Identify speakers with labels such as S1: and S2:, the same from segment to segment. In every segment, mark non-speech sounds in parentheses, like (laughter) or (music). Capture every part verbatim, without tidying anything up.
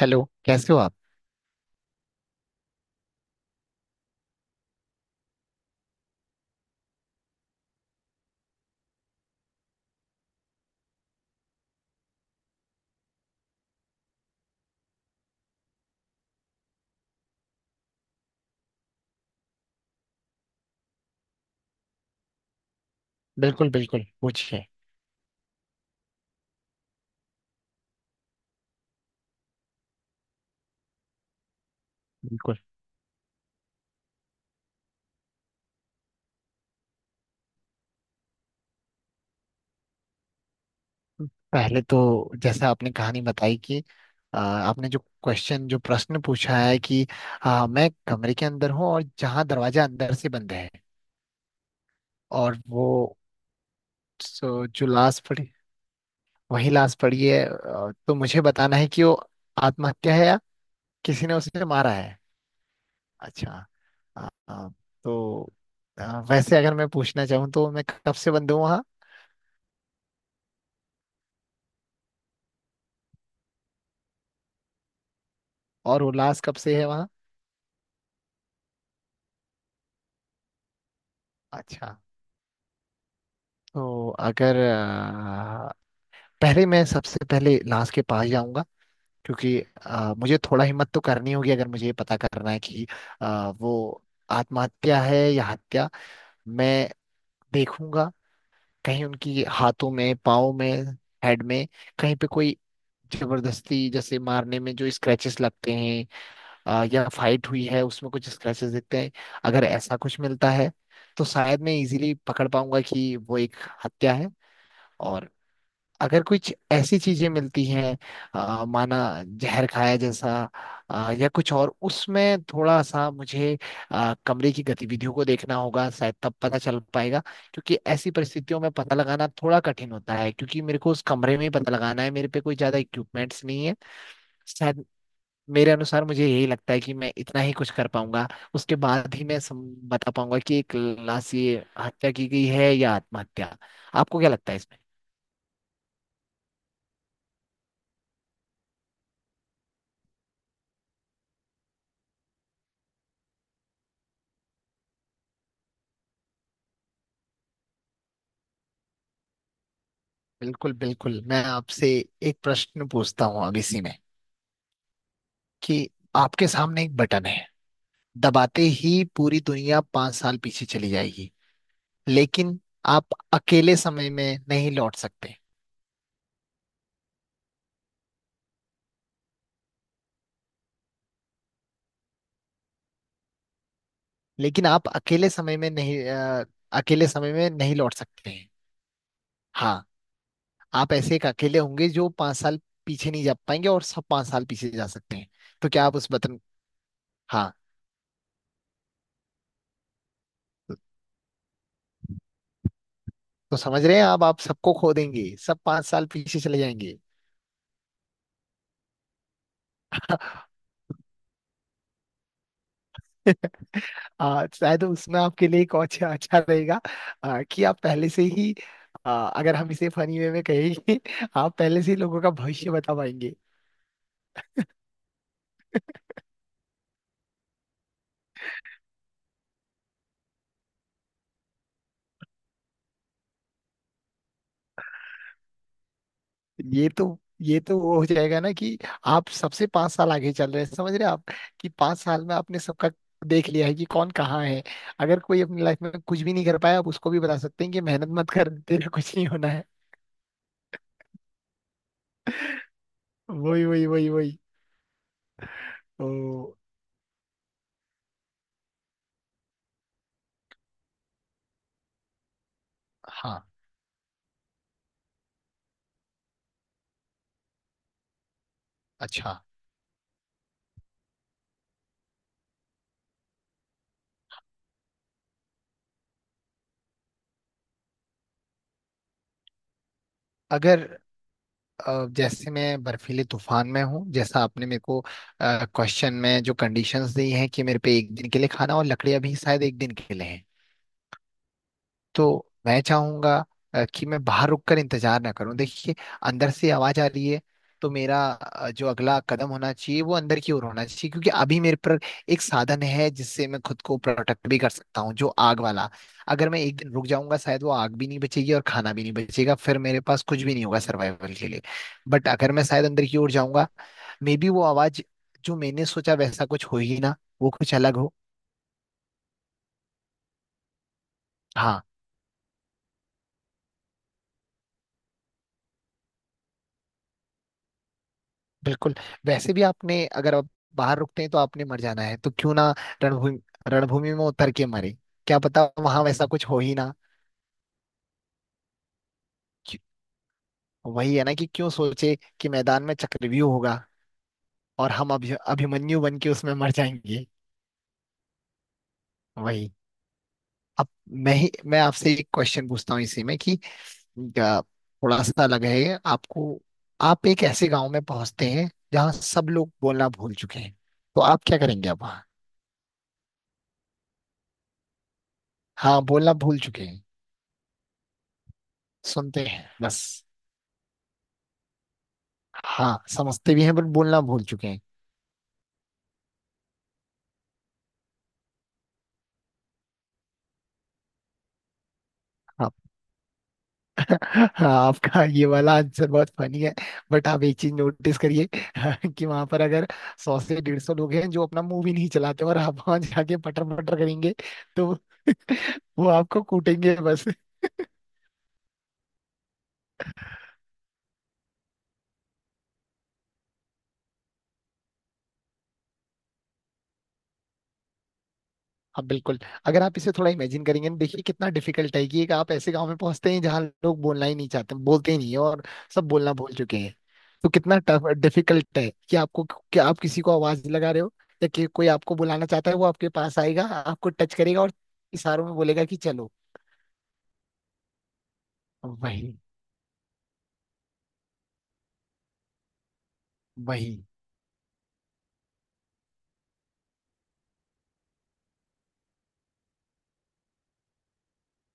S1: Hello, कैसे हो आप? बिल्कुल बिल्कुल, पूछिए। बिल्कुल। पहले तो जैसा आपने कहानी बताई कि आ, आपने जो क्वेश्चन जो प्रश्न पूछा है कि आ, मैं कमरे के अंदर हूँ और जहाँ दरवाजा अंदर से बंद है। और वो सो, जो लाश पड़ी वही लाश पड़ी है। आ, तो मुझे बताना है कि वो आत्महत्या है या किसी ने उसे मारा है। अच्छा। आ, तो आ, वैसे अगर मैं पूछना चाहूँ तो मैं कब से बंद हूँ वहाँ। और वो लाश कब से है वहाँ। अच्छा। तो अगर आ, पहले मैं सबसे पहले लास्ट के पास जाऊंगा, क्योंकि आ, मुझे थोड़ा हिम्मत तो करनी होगी अगर मुझे ये पता करना है कि आ, वो आत्महत्या है या हत्या। मैं देखूंगा कहीं उनकी हाथों में, पाँव में, हेड में, कहीं पे कोई जबरदस्ती जैसे मारने में जो स्क्रैचेस लगते हैं, आ, या फाइट हुई है उसमें कुछ स्क्रैचेस दिखते हैं। अगर ऐसा कुछ मिलता है तो शायद मैं इजीली पकड़ पाऊंगा कि वो एक हत्या है। और अगर कुछ ऐसी चीजें मिलती हैं, अ, माना जहर खाया जैसा, अ, या कुछ और, उसमें थोड़ा सा मुझे अ, कमरे की गतिविधियों को देखना होगा, शायद तब पता चल पाएगा। क्योंकि ऐसी परिस्थितियों में पता लगाना थोड़ा कठिन होता है, क्योंकि मेरे को उस कमरे में ही पता लगाना है, मेरे पे कोई ज्यादा इक्विपमेंट्स नहीं है। शायद मेरे अनुसार मुझे यही लगता है कि मैं इतना ही कुछ कर पाऊंगा। उसके बाद ही मैं सम, बता पाऊंगा कि एक लाश, ये हत्या की गई है या आत्महत्या। आपको क्या लगता है? बिल्कुल बिल्कुल, मैं आपसे एक प्रश्न पूछता हूँ अब इसी में कि आपके सामने एक बटन है। दबाते ही पूरी दुनिया पांच साल पीछे चली जाएगी, लेकिन आप अकेले समय में नहीं लौट सकते। लेकिन आप अकेले समय में नहीं अ, अकेले समय में नहीं लौट सकते हैं। हाँ। आप ऐसे एक अकेले होंगे जो पांच साल पीछे नहीं जा पाएंगे, और सब पांच साल पीछे जा सकते हैं। तो क्या आप उस बटन... हाँ। तो समझ रहे हैं आप आप सबको खो देंगे, सब पांच साल पीछे चले जाएंगे। आ, शायद उसमें आपके लिए एक और अच्छा अच्छा रहेगा। आ, कि आप पहले से ही... आ, अगर हम इसे फनी वे में कहेंगे, (laughs) आप पहले से ही लोगों का भविष्य बता पाएंगे। ये तो ये तो वो हो जाएगा ना कि आप सबसे पांच साल आगे चल रहे हैं, समझ रहे हैं आप, कि पांच साल में आपने सबका देख लिया है कि कौन कहाँ है। अगर कोई अपनी लाइफ में कुछ भी नहीं कर पाया, आप उसको भी बता सकते हैं कि मेहनत मत कर, तेरा कुछ नहीं होना है। वही वही वही वही। ओ। हाँ। अच्छा। अगर अ, जैसे मैं बर्फीले तूफान में हूँ, जैसा आपने मेरे को क्वेश्चन में जो कंडीशंस दी हैं कि मेरे पे एक दिन के लिए खाना और लकड़ियां भी शायद एक दिन के लिए, तो मैं चाहूंगा अ, कि मैं बाहर रुक कर इंतजार ना करूं। देखिए, अंदर से आवाज आ रही है, तो मेरा अ, जो अगला कदम होना चाहिए वो अंदर की ओर होना चाहिए, क्योंकि अभी मेरे पर एक साधन है जिससे मैं खुद को प्रोटेक्ट भी कर सकता हूँ, जो आग वाला। अगर मैं एक दिन रुक जाऊंगा, शायद वो आग भी नहीं बचेगी और खाना भी नहीं बचेगा, फिर मेरे पास कुछ भी नहीं होगा सर्वाइवल के लिए। बट अगर मैं शायद अंदर की ओर जाऊंगा, मे बी वो आवाज जो मैंने सोचा वैसा कुछ हो ही ना, वो कुछ अलग हो। हाँ, बिल्कुल। वैसे भी, आपने अगर आप बाहर रुकते हैं तो आपने मर जाना है, तो क्यों ना रणभूमि रणभूमि में उतर के मरे। क्या पता वहां वैसा कुछ हो ही ना। क्यों- वही है ना कि क्यों सोचे कि मैदान में चक्रव्यूह होगा और हम अभि अभिमन्यु बन के उसमें मर जाएंगे। वही। अब मैं ही मैं आपसे एक क्वेश्चन पूछता हूँ इसी में कि अ, थोड़ा सा लगा है आपको। आप एक ऐसे गांव में पहुंचते हैं जहाँ सब लोग बोलना भूल चुके हैं, तो आप क्या करेंगे अब वहाँ? हाँ, बोलना भूल चुके हैं। सुनते हैं बस। हाँ, समझते भी हैं बट बोलना भूल चुके हैं। आप, हाँ, आपका ये वाला आंसर बहुत फनी है, बट आप एक चीज नोटिस करिए, (laughs) कि वहां पर अगर सौ से डेढ़ सौ लोग हैं जो अपना मुंह भी नहीं चलाते और आप वहां जाके पटर पटर करेंगे, तो वो आपको कूटेंगे। हाँ, बिल्कुल। अगर आप इसे थोड़ा इमेजिन करेंगे ना, देखिए कितना डिफिकल्ट है कि एक आप ऐसे गांव में पहुंचते हैं जहाँ लोग बोलना ही नहीं चाहते, बोलते ही नहीं है, और सब बोलना भूल चुके हैं। तो कितना टफ डिफिकल्ट है कि आपको, कि आप किसी को आवाज लगा रहे हो या कि कोई आपको बुलाना चाहता है, वो आपके पास आएगा, आपको टच करेगा और इशारों में बोलेगा कि चलो। वही। वही।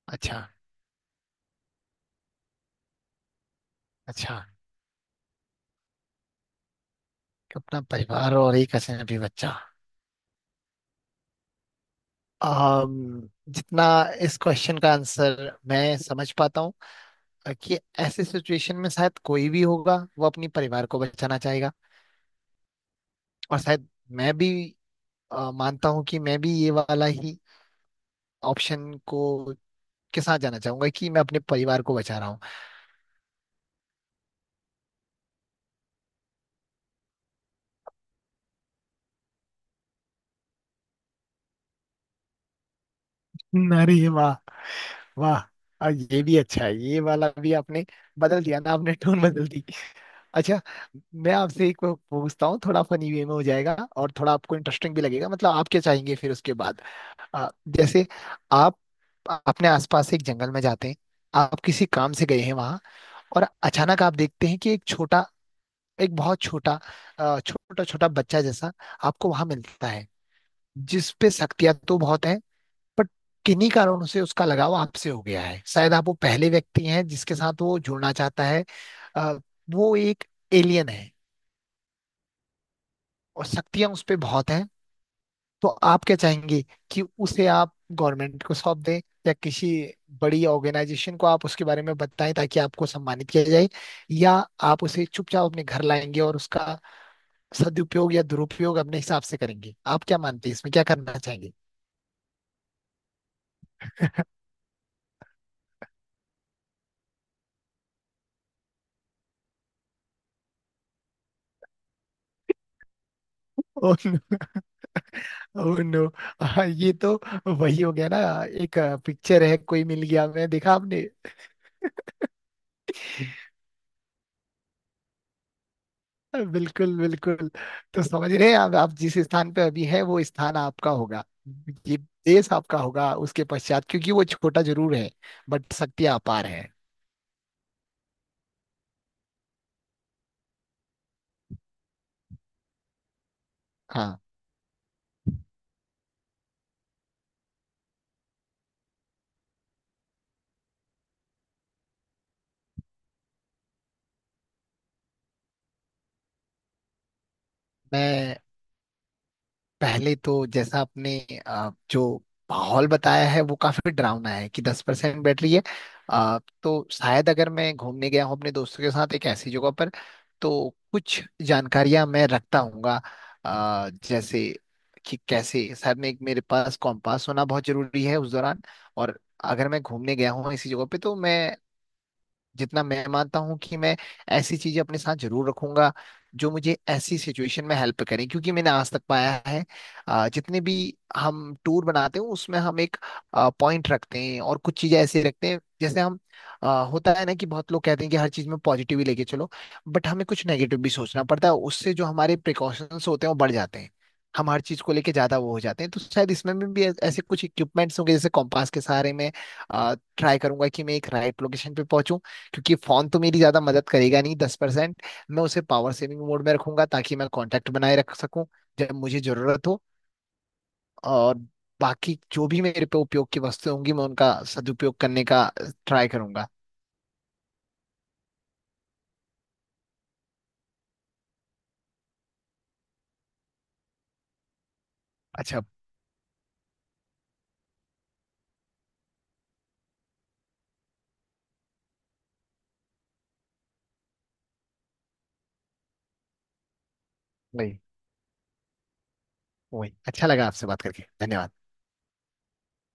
S1: अच्छा। अच्छा, अपना परिवार और एक अजनबी बच्चा। आम, जितना इस क्वेश्चन का आंसर मैं समझ पाता हूँ, कि ऐसी सिचुएशन में शायद कोई भी होगा वो अपनी परिवार को बचाना चाहेगा। और शायद मैं भी अ, मानता हूँ कि मैं भी ये वाला ही ऑप्शन को के साथ जाना चाहूंगा, कि मैं अपने परिवार को बचा रहा हूँ। हम्म, अरे ये वाह, वाह। अ, ये भी अच्छा है, ये वाला भी आपने बदल दिया ना, आपने टोन बदल दी। अच्छा, मैं आपसे एक पूछता हूँ, थोड़ा फनी वे में हो जाएगा और थोड़ा आपको इंटरेस्टिंग भी लगेगा, मतलब आप क्या चाहेंगे फिर उसके बाद। आ, जैसे आप अपने आसपास से एक जंगल में जाते हैं, आप किसी काम से गए हैं वहां, और अचानक आप देखते हैं कि एक छोटा, एक बहुत छोटा, आ, छोटा छोटा बच्चा जैसा आपको वहां मिलता है, जिस पे शक्तियां तो बहुत हैं। बट किन्हीं कारणों से उसका लगाव आपसे हो गया है, शायद आप वो पहले व्यक्ति हैं जिसके साथ वो जुड़ना चाहता है। आ, वो एक एलियन है, और शक्तियां उस पे बहुत हैं। तो आप क्या चाहेंगे, कि उसे आप गवर्नमेंट को सौंप दें या किसी बड़ी ऑर्गेनाइजेशन को आप उसके बारे में बताएं ताकि आपको सम्मानित किया जाए, या आप उसे चुपचाप अपने घर लाएंगे और उसका सदुपयोग या दुरुपयोग अपने हिसाब से करेंगे? आप क्या मानते हैं, इसमें क्या करना चाहेंगे? ओह, नो। (laughs) ये तो वही हो गया ना, एक पिक्चर है "कोई मिल गया", मैं देखा आपने? बिल्कुल बिल्कुल। तो समझ रहे हैं, अब आप जिस स्थान पे अभी है वो स्थान आपका होगा, ये देश आपका होगा उसके पश्चात, क्योंकि वो छोटा जरूर है बट शक्ति अपार है। हाँ, मैं पहले तो जैसा आपने अ, जो माहौल बताया है वो काफी डरावना है, कि दस परसेंट बैटरी है। अ, तो शायद अगर मैं घूमने गया हूँ अपने दोस्तों के साथ एक ऐसी जगह पर, तो कुछ जानकारियां मैं रखता हूँगा, अ, जैसे कि कैसे, शायद मैं एक, मेरे पास कॉम्पास होना बहुत जरूरी है उस दौरान। और अगर मैं घूमने गया हूँ इसी जगह पे तो मैं, जितना मैं मानता हूँ कि मैं ऐसी चीजें अपने साथ जरूर रखूंगा जो मुझे ऐसी सिचुएशन में हेल्प करें, क्योंकि मैंने आज तक पाया है अ, जितने भी हम टूर बनाते हैं उसमें हम एक पॉइंट रखते हैं और कुछ चीजें ऐसे रखते हैं जैसे हम, अ, होता है ना कि बहुत लोग कहते हैं कि हर चीज में पॉजिटिव ही लेके चलो, बट हमें कुछ नेगेटिव भी सोचना पड़ता है, उससे जो हमारे प्रिकॉशंस होते हैं वो बढ़ जाते हैं। हम हर चीज को लेके ज्यादा वो हो जाते हैं, तो शायद इसमें में भी ऐ- ऐसे कुछ इक्विपमेंट्स होंगे जैसे कॉम्पास के सहारे में ट्राई करूंगा कि मैं एक राइट लोकेशन पे पहुंचूं। क्योंकि फोन तो मेरी ज्यादा मदद करेगा नहीं, दस परसेंट। मैं उसे पावर सेविंग मोड में रखूंगा ताकि मैं कांटेक्ट बनाए रख सकूं जब मुझे जरूरत हो। और बाकी जो भी मेरे पे उपयोग की वस्तुएं होंगी, मैं उनका सदुपयोग करने का ट्राई करूंगा। अच्छा। वही। वही, अच्छा लगा आपसे बात करके, धन्यवाद।